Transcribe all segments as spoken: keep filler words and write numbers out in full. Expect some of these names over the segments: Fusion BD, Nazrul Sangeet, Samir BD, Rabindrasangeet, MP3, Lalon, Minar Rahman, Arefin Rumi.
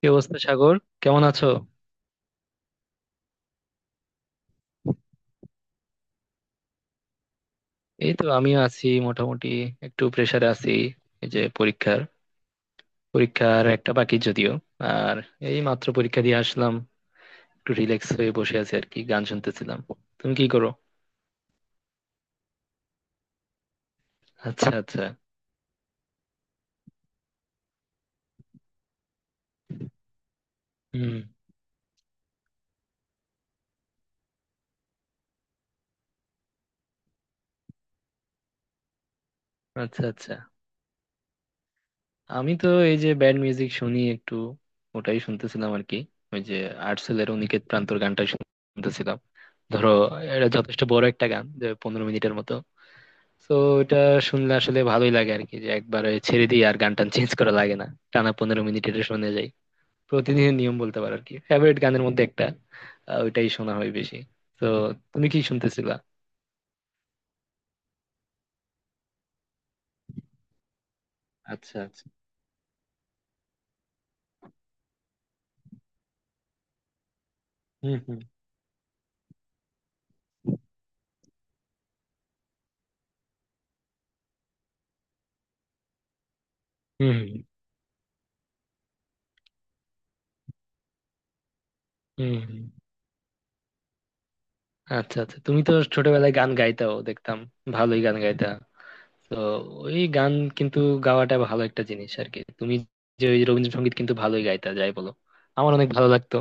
কি অবস্থা, সাগর? কেমন আছো? এই তো আমিও আছি মোটামুটি। একটু প্রেসারে আছি, এই যে পরীক্ষার পরীক্ষার একটা বাকি যদিও। আর এই মাত্র পরীক্ষা দিয়ে আসলাম, একটু রিল্যাক্স হয়ে বসে আছি আর কি, গান শুনতেছিলাম। তুমি কি করো? আচ্ছা, আচ্ছা। হুম। আচ্ছা, আচ্ছা। আমি তো এই যে ব্যান্ড মিউজিক শুনি একটু, ওটাই শুনতেছিলাম আর কি। ওই যে আর্টসেলের অনিকেত প্রান্তর গানটা শুনতেছিলাম। ধরো, এটা যথেষ্ট বড় একটা গান, যে পনেরো মিনিটের মতো। তো এটা শুনলে আসলে ভালোই লাগে আর কি, যে একবারে ছেড়ে দিই, আর গান টান চেঞ্জ করা লাগে না। টানা পনেরো মিনিট এটা শুনে যাই। প্রতিদিনের নিয়ম বলতে পারো আর কি, ফেভারিট গানের মধ্যে একটা। আহ, ওইটাই শোনা হয় বেশি। তো তুমি কি শুনতেছিলা? আচ্ছা, আচ্ছা। হুম, হুম, হুম। হুম, হুম। আচ্ছা, আচ্ছা, তুমি তো ছোটবেলায় গান গাইতাও দেখতাম, ভালোই গান গাইতা। তো ওই গান কিন্তু গাওয়াটা ভালো একটা জিনিস আর কি, তুমি যে ওই রবীন্দ্রসঙ্গীত কিন্তু ভালোই গাইতা, যাই বলো। আমার অনেক ভালো লাগতো।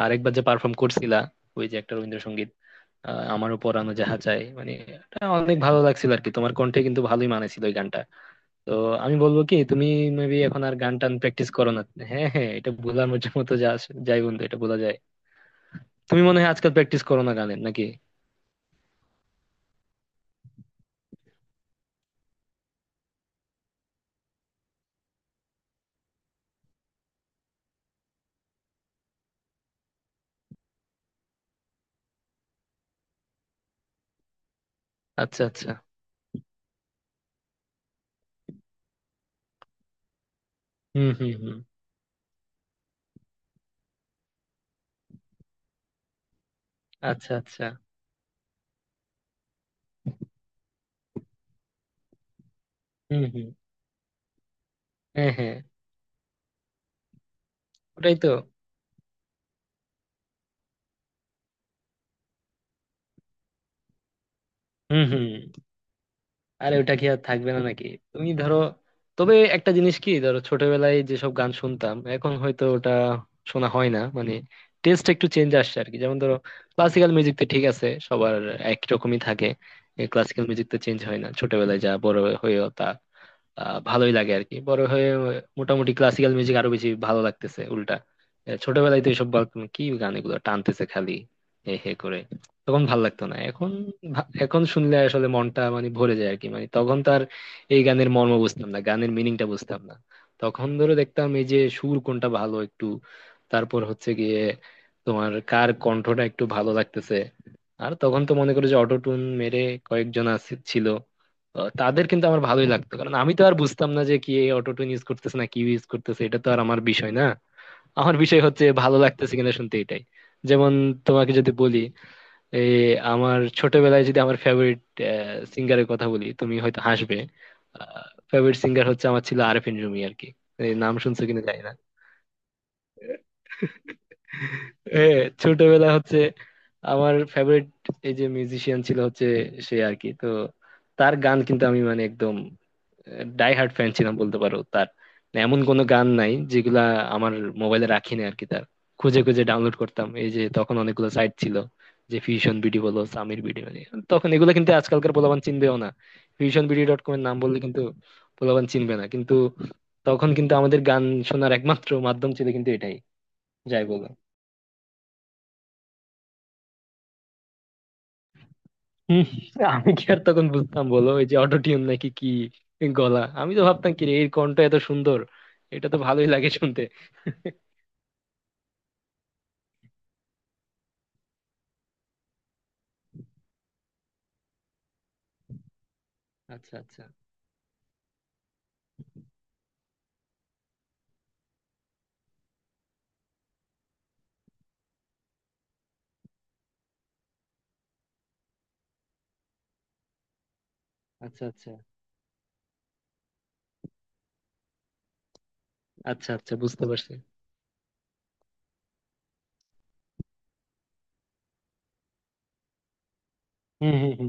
আর একবার যে পারফর্ম করছিলা, ওই যে একটা রবীন্দ্রসঙ্গীত, আহ, আমারও পরানো যাহা চাই, মানে এটা অনেক ভালো লাগছিল আর কি, তোমার কণ্ঠে কিন্তু ভালোই মানেছিল ওই গানটা। তো আমি বলবো কি, তুমি মেবি এখন আর গান টান প্র্যাকটিস করো না। হ্যাঁ, হ্যাঁ, এটা ভোলার মধ্যে মতো যা আসে- যাই বন্ধু, এটা বলা যায়। তুমি মনে হয় আজকাল প্র্যাকটিস করো না গানের নাকি? আচ্ছা, আচ্ছা। হুম, হুম, হুম। আচ্ছা, আচ্ছা। হুম, হুম। হ্যাঁ, হ্যাঁ। ওটাই তো। হম, হম। আরে ওটা কি আর থাকবে না নাকি? তুমি ধরো, তবে একটা জিনিস কি, ধরো ছোটবেলায় যেসব গান শুনতাম, এখন হয়তো ওটা শোনা হয় না মানে। টেস্ট একটু চেঞ্জ আসছে আর কি, যেমন ধরো ক্লাসিক্যাল মিউজিক তো ঠিক আছে, সবার একই রকমই থাকে। ক্লাসিক্যাল মিউজিক তো চেঞ্জ হয় না, ছোটবেলায় যা বড় হয়েও তা। আহ ভালোই লাগে আর কি বড় হয়ে। মোটামুটি ক্লাসিক্যাল মিউজিক আরো বেশি ভালো লাগতেছে উল্টা। আহ ছোটবেলায় তো এইসব বলতাম, কি গান এগুলো, টানতেছে খালি হে হে করে। তখন ভাল লাগতো না, এখন ভা- এখন শুনলে আসলে মনটা মানে ভরে যায় আর কি। মানে তখন তো আর এই গানের মর্ম বুঝতাম না, গানের মিনিংটা বুঝতাম না। তখন ধরো দেখতাম এই যে সুর কোনটা ভালো একটু, তারপর হচ্ছে গিয়ে তোমার কার কণ্ঠটা একটু ভালো লাগতেছে। আর তখন তো মনে করো যে অটোটুন মেরে কয়েকজন আছে ছিল, আহ, তাদের কিন্তু আমার ভালোই লাগতো, কারণ আমি তো আর বুঝতাম না যে কি অটো টিউন ইউজ করতেছে না কি ইউজ করতেছে, এটা তো আর আমার বিষয় না। আমার বিষয় হচ্ছে ভালো লাগতেছে কিনা শুনতে, এটাই। যেমন তোমাকে যদি বলি, এই আমার ছোটবেলায় যদি আমার ফেভারিট সিঙ্গারের কথা বলি, তুমি হয়তো হাসবে। ফেভারিট সিঙ্গার হচ্ছে আমার ছিল আরেফিন রুমি আর কি। এই নাম শুনছো কিনা জানি না। এ, ছোটবেলা হচ্ছে আমার ফেভারিট, এই যে মিউজিশিয়ান ছিল হচ্ছে সে আর কি। তো তার গান কিন্তু আমি মানে একদম ডাই হার্ড ফ্যান ছিলাম বলতে পারো তার। মানে এমন কোনো গান নাই যেগুলা আমার মোবাইলে রাখি না আর কি তার। খুঁজে খুঁজে ডাউনলোড করতাম, এই যে তখন অনেকগুলো সাইট ছিল, যে ফিউশন বিডি বলো, সামির বিডি, মানে তখন এগুলো কিন্তু আজকালকার পোলাপান চিনবেও না। ফিউশন বিডি ডট কম এর নাম বললে কিন্তু পোলাপান চিনবে না কিন্তু। তখন কিন্তু আমাদের গান শোনার একমাত্র মাধ্যম ছিল কিন্তু এটাই, যাই বলো। হুম। আমি কি আর তখন বুঝতাম বলো, ওই যে অটোটিউন নাকি কি, গলা আমি তো ভাবতাম কি রে, এর কণ্ঠ এত সুন্দর, এটা তো ভালোই লাগে শুনতে। আচ্ছা, আচ্ছা। আচ্ছা, আচ্ছা। আচ্ছা, আচ্ছা। বুঝতে পারছি। হুম, হুম, হুম।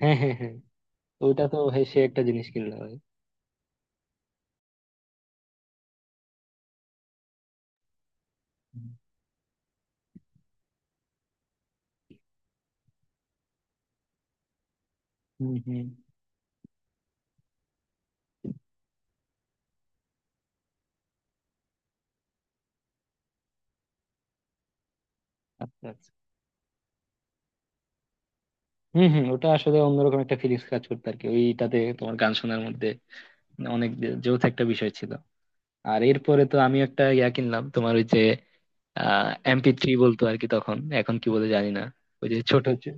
হ্যাঁ, হ্যাঁ, হ্যাঁ। ওইটা তো হে- সে একটা জিনিস কিনলো ভাই। হুম, হুম। আচ্ছা, আচ্ছা। হুম, হুম। ওটা আসলে অন্যরকম একটা ফিলিংস কাজ করতো আর কি, ওইটাতে তোমার গান শোনার মধ্যে অনেক যে- যৌথ একটা বিষয় ছিল। আর এরপরে তো আমি একটা ইয়া কিনলাম তোমার, ওই যে আহ এমপি থ্রি বলতো আর কি তখন, এখন কি বলে জানি না। ওই যে ছোট হচ্ছে,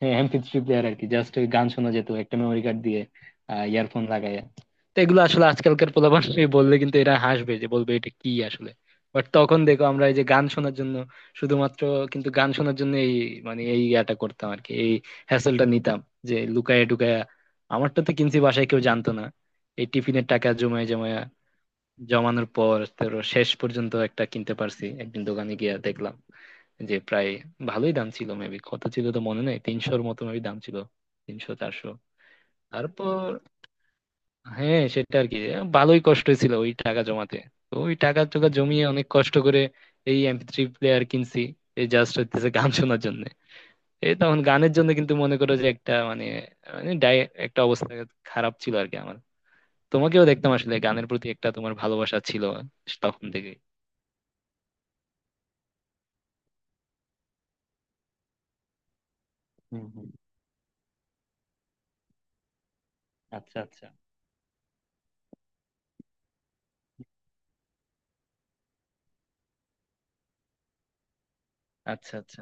হ্যাঁ, এমপি থ্রি প্লেয়ার আর কি। জাস্ট ওই গান শোনা যেত একটা মেমোরি কার্ড দিয়ে, ইয়ারফোন লাগাইয়া। তো এগুলো আসলে আজকালকার পোলাপান বললে কিন্তু এরা হাসবে, যে বলবে এটা কি আসলে। বাট তখন দেখো আমরা এই যে গান শোনার জন্য, শুধুমাত্র কিন্তু গান শোনার জন্য এই মানে এই ইয়াটা করতাম আর কি, এই হ্যাসেলটা নিতাম, যে লুকায়া টুকায়া। আমারটা তো কিনছি, বাসায় কেউ জানতো না। এই টিফিনের টাকা জমায় জমায়া, জমানোর পর তোর শেষ পর্যন্ত একটা কিনতে পারছি একদিন দোকানে গিয়ে দেখলাম যে প্রায় ভালোই দাম ছিল। মেবি কত ছিল তো মনে নেই, তিনশোর মতো মেবি দাম ছিল, তিনশো চারশো। তারপর হ্যাঁ সেটা আর কি, ভালোই কষ্ট ছিল ওই টাকা জমাতে। তো ওই টাকা টাকা জমিয়ে অনেক কষ্ট করে এই এমপি থ্রি প্লেয়ার কিনছি, এই জাস্ট হচ্ছে গান শোনার জন্য। এই তখন গানের জন্য কিন্তু মনে করো যে একটা মানে, মানে ডাই- একটা অবস্থা খারাপ ছিল আর কি আমার। তোমাকেও দেখতাম আসলে গানের প্রতি একটা তোমার ভালোবাসা ছিল তখন থেকে। আচ্ছা, আচ্ছা।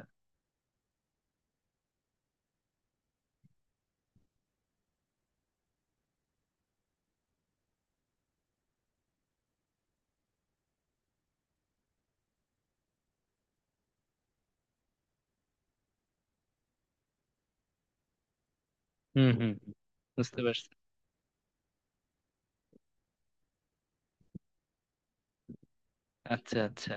হুম, হুম, হুম। বুঝতে পারছি। আচ্ছা, আচ্ছা।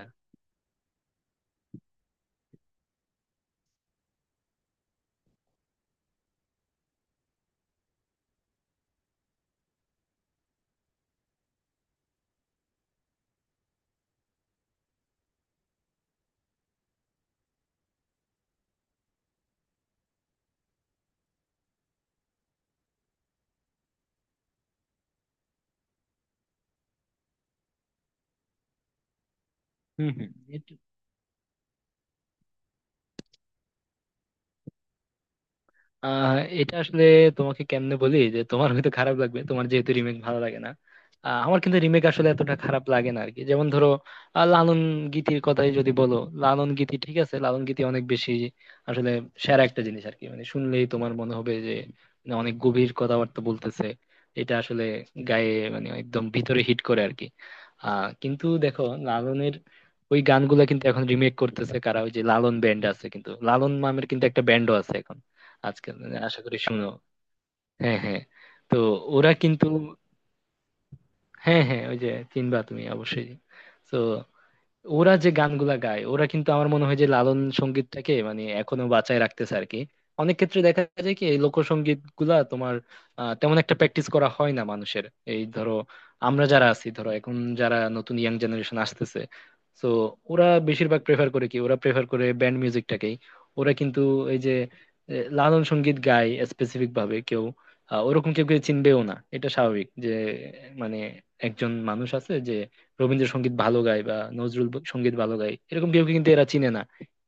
হুম, হুম। এটা আহ এটা আসলে তোমাকে কেমনে বলি যে, তোমার হয়তো খারাপ লাগবে, তোমার যেহেতু রিমেক ভালো লাগে না। আহ, আমার কিন্তু রিমেক আসলে এতটা খারাপ লাগে না আরকি। যেমন ধরো, আহ, লালন গীতির কথাই যদি বলো, লালন গীতি ঠিক আছে। লালন গীতি অনেক বেশি আসলে সেরা একটা জিনিস আরকি, মানে শুনলেই তোমার মনে হবে যে মানে অনেক গভীর কথাবার্তা বলতেছে। এটা আসলে গায়ে মানে একদম ভিতরে হিট করে আরকি। আহ কিন্তু দেখো, লালনের ওই গানগুলা কিন্তু এখন রিমেক করতেছে কারা, ওই যে লালন ব্যান্ড আছে কিন্তু, লালন মামের কিন্তু একটা ব্যান্ডও আছে এখন আজকাল, মানে আশা করি শুনো। হ্যাঁ, হ্যাঁ। তো ওরা কিন্তু, হ্যাঁ, হ্যাঁ, ওই যে, চিনবা তুমি অবশ্যই। তো ওরা যে গানগুলা গায়, ওরা কিন্তু আমার মনে হয় যে লালন সঙ্গীতটাকে মানে এখনো বাঁচায় রাখতেছে আর কি। অনেক ক্ষেত্রে দেখা যায় কি, এই লোকসঙ্গীত গুলা তোমার আহ, তেমন একটা প্র্যাকটিস করা হয় না মানুষের। এই ধরো, আমরা যারা আছি ধরো এখন, যারা নতুন ইয়াং জেনারেশন আসতেছে, তো ওরা বেশিরভাগ প্রেফার করে কি, ওরা প্রেফার করে ব্যান্ড মিউজিকটাকেই। ওরা কিন্তু এই যে এ, লালন সঙ্গীত গায় স্পেসিফিক ভাবে কেউ, আহ, ওরকম কেউ কেউ চিনবেও না, এটা স্বাভাবিক। যে মানে একজন মানুষ আছে যে রবীন্দ্রসঙ্গীত ভালো গায় বা নজরুল ব- সঙ্গীত ভালো গায়, এরকম কেউ কিন্তু এরা চিনে না।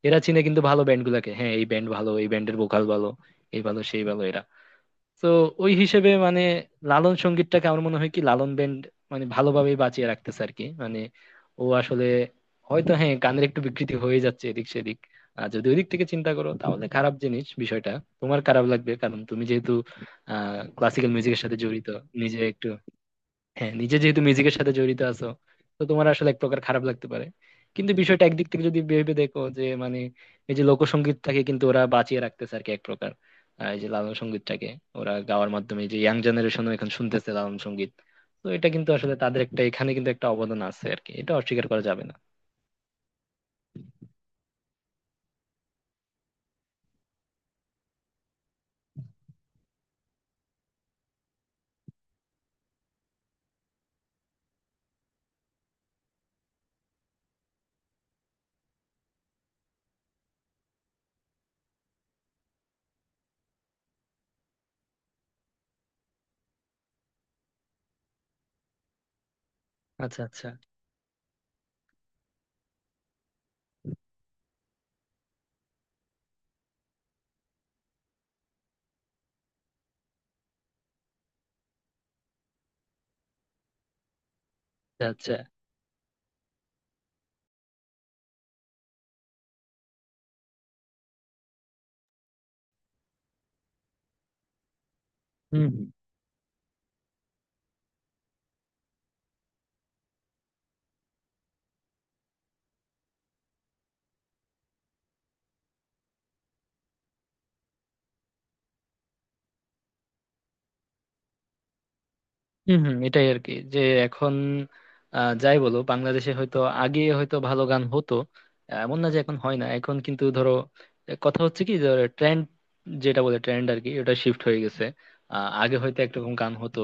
এরা চিনে কিন্তু ভালো ব্যান্ড গুলাকে। হ্যাঁ, এই ব্যান্ড ভালো, এই ব্যান্ডের ভোকাল ভালো, এই ভালো সেই ভালো এরা। তো ওই হিসেবে মানে লালন সঙ্গীতটাকে আমার মনে হয় কি, লালন ব্যান্ড মানে ভালোভাবেই বাঁচিয়ে রাখতেছে আর কি। মানে ও আসলে হয়তো, হ্যাঁ, গানের একটু বিকৃতি হয়ে যাচ্ছে এদিক সেদিক। আর যদি ওই দিক থেকে চিন্তা করো তাহলে খারাপ জিনিস বিষয়টা, তোমার খারাপ লাগবে, কারণ তুমি যেহেতু আহ ক্লাসিক্যাল মিউজিকের সাথে জড়িত, নিজে একটু, হ্যাঁ, নিজে যেহেতু মিউজিকের সাথে জড়িত আছো, তো তোমার আসলে এক প্রকার খারাপ লাগতে পারে। কিন্তু বিষয়টা একদিক থেকে যদি ভেবে দেখো যে মানে এই যে লোকসঙ্গীতটাকে কিন্তু ওরা বাঁচিয়ে রাখতেছে আর কি এক প্রকার। আহ, এই যে লালন সঙ্গীতটাকে ওরা গাওয়ার মাধ্যমে এই যে ইয়াং জেনারেশনও এখন শুনতেছে লালন সঙ্গীত। তো এটা কিন্তু আসলে তাদের একটা, এখানে কিন্তু একটা অবদান আছে আর কি, এটা অস্বীকার করা যাবে না। আচ্ছা, আচ্ছা। আচ্ছা, আচ্ছা। হুম, হুম। হম, হম। এটাই আর কি যে এখন, আহ, যাই বলো, বাংলাদেশে হয়তো আগে হয়তো ভালো গান হতো, আহ, এমন না যে এখন হয় না, এখন কিন্তু ধরো, আহ, কথা হচ্ছে কি, ধরো ট্রেন্ড, যেটা বলে ট্রেন্ড আর কি, ওটা শিফট হয়ে গেছে। আহ, আগে হয়তো একরকম গান হতো,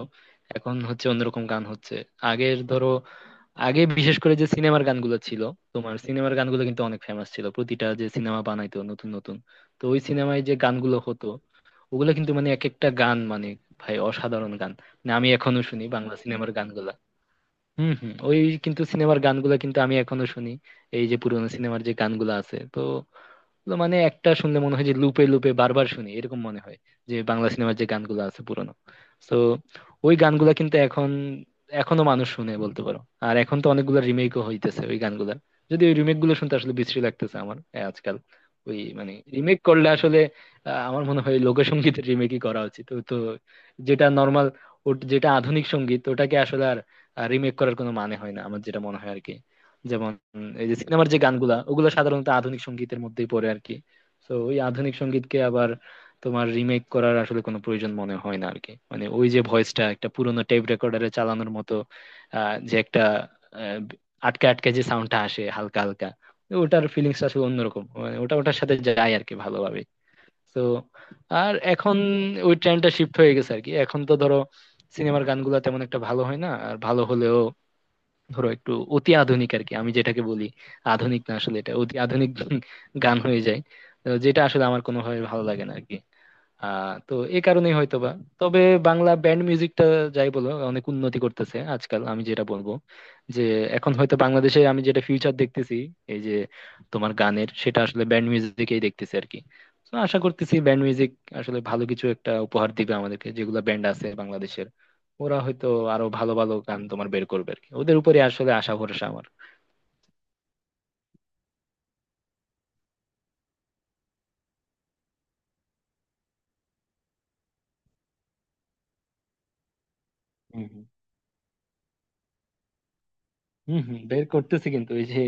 এখন হচ্ছে অন্যরকম গান হচ্ছে। আগের ধরো, আগে বিশেষ করে যে সিনেমার গানগুলো ছিল, তোমার সিনেমার গানগুলো কিন্তু অনেক ফেমাস ছিল, প্রতিটা যে সিনেমা বানাইতো নতুন নতুন, তো ওই সিনেমায় যে গানগুলো হতো, ওগুলা কিন্তু মানে এক একটা গান মানে ভাই অসাধারণ গান। মানে আমি এখনো শুনি বাংলা সিনেমার গানগুলা। হম, হম। ওই কিন্তু সিনেমার গানগুলা কিন্তু আমি এখনো শুনি, এই যে পুরোনো সিনেমার যে গানগুলা আছে, তো তো মানে একটা শুনলে মনে হয় যে লুপে লুপে বারবার শুনি এরকম মনে হয়, যে বাংলা সিনেমার যে গানগুলো আছে পুরনো। তো ওই গানগুলা কিন্তু এখন, এখনো মানুষ শুনে বলতে পারো। আর এখন তো অনেকগুলো রিমেকও হইতেছে ওই গানগুলা, যদি ওই রিমেক গুলো শুনতে আসলে বিশ্রী লাগতেছে আমার, এ, আজকাল। ওই মানে রিমেক করলে আসলে, আহ, আমার মনে হয় লোকসঙ্গীতের রিমেকই করা উচিত। তো তো যেটা নর্মাল, যেটা আধুনিক সঙ্গীত, ওটাকে আসলে আর রিমেক করার কোনো মানে হয় না আমার, যেটা মনে হয় আর কি। যেমন এই যে সিনেমার যে গানগুলা, ওগুলা সাধারণত আধুনিক সঙ্গীতের মধ্যেই পড়ে আর কি। তো ওই আধুনিক সঙ্গীতকে আবার তোমার রিমেক করার আসলে কোনো প্রয়োজন মনে হয় না আর কি। মানে ওই যে ভয়েসটা একটা পুরোনো টেপ রেকর্ডারে চালানোর মতো, আহ যে একটা, আহ, আটকে আটকে যে সাউন্ডটা আসে হালকা হালকা, ওটার ফিলিংস আসলে অন্যরকম, মানে ওটা ওটার সাথে যায় আর কি ভালোভাবে। তো আর এখন ওই ট্রেন্ডটা শিফট হয়ে গেছে আর কি, এখন তো ধরো সিনেমার গানগুলা তেমন একটা ভালো হয় না। আর ভালো হলেও ধরো একটু অতি আধুনিক আর কি, আমি যেটাকে বলি আধুনিক না, আসলে এটা অতি আধুনিক গান হয়ে যায়, তো যেটা আসলে আমার কোনোভাবে ভালো লাগে না আরকি। আহ তো এই কারণেই হয়তোবা, তবে বাংলা ব্যান্ড মিউজিকটা যাই বলো অনেক উন্নতি করতেছে আজকাল, আমি যেটা বলবো যে এখন হয়তো বাংলাদেশে আমি যেটা ফিউচার দেখতেছি, এই যে তোমার গানের, সেটা আসলে ব্যান্ড মিউজিকেই দেখতেছি আর কি। তো আশা করতেছি ব্যান্ড মিউজিক আসলে ভালো কিছু একটা উপহার দিবে আমাদেরকে, যেগুলো ব্যান্ড আছে বাংলাদেশের ওরা হয়তো আরো ভালো ভালো গান তোমার বের করবে আর কি, ওদের উপরে আসলে আশা ভরসা আমার। হম, হম। বের করতেছি কিন্তু এই যে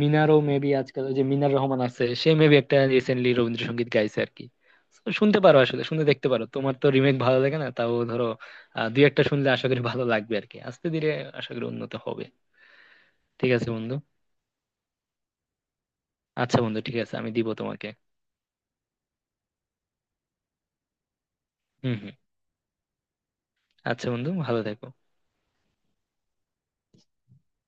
মিনারও মেবি আজকাল, ওই যে মিনার রহমান আছে, সে মেবি একটা রিসেন্টলি রবীন্দ্রসঙ্গীত গাইছে আর কি। So, শুনতে পারো, আসলে শুনে দেখতে পারো। তোমার তো রিমেক ভালো লাগে না, তাও ধরো আহ, দুই একটা শুনলে আশা করি ভালো লাগবে আর কি। আস্তে ধীরে আশা করি উন্নত হবে। ঠিক আছে বন্ধু। আচ্ছা বন্ধু, ঠিক আছে, আমি দিব তোমাকে। হম, হম। আচ্ছা বন্ধু, ভালো থেকো।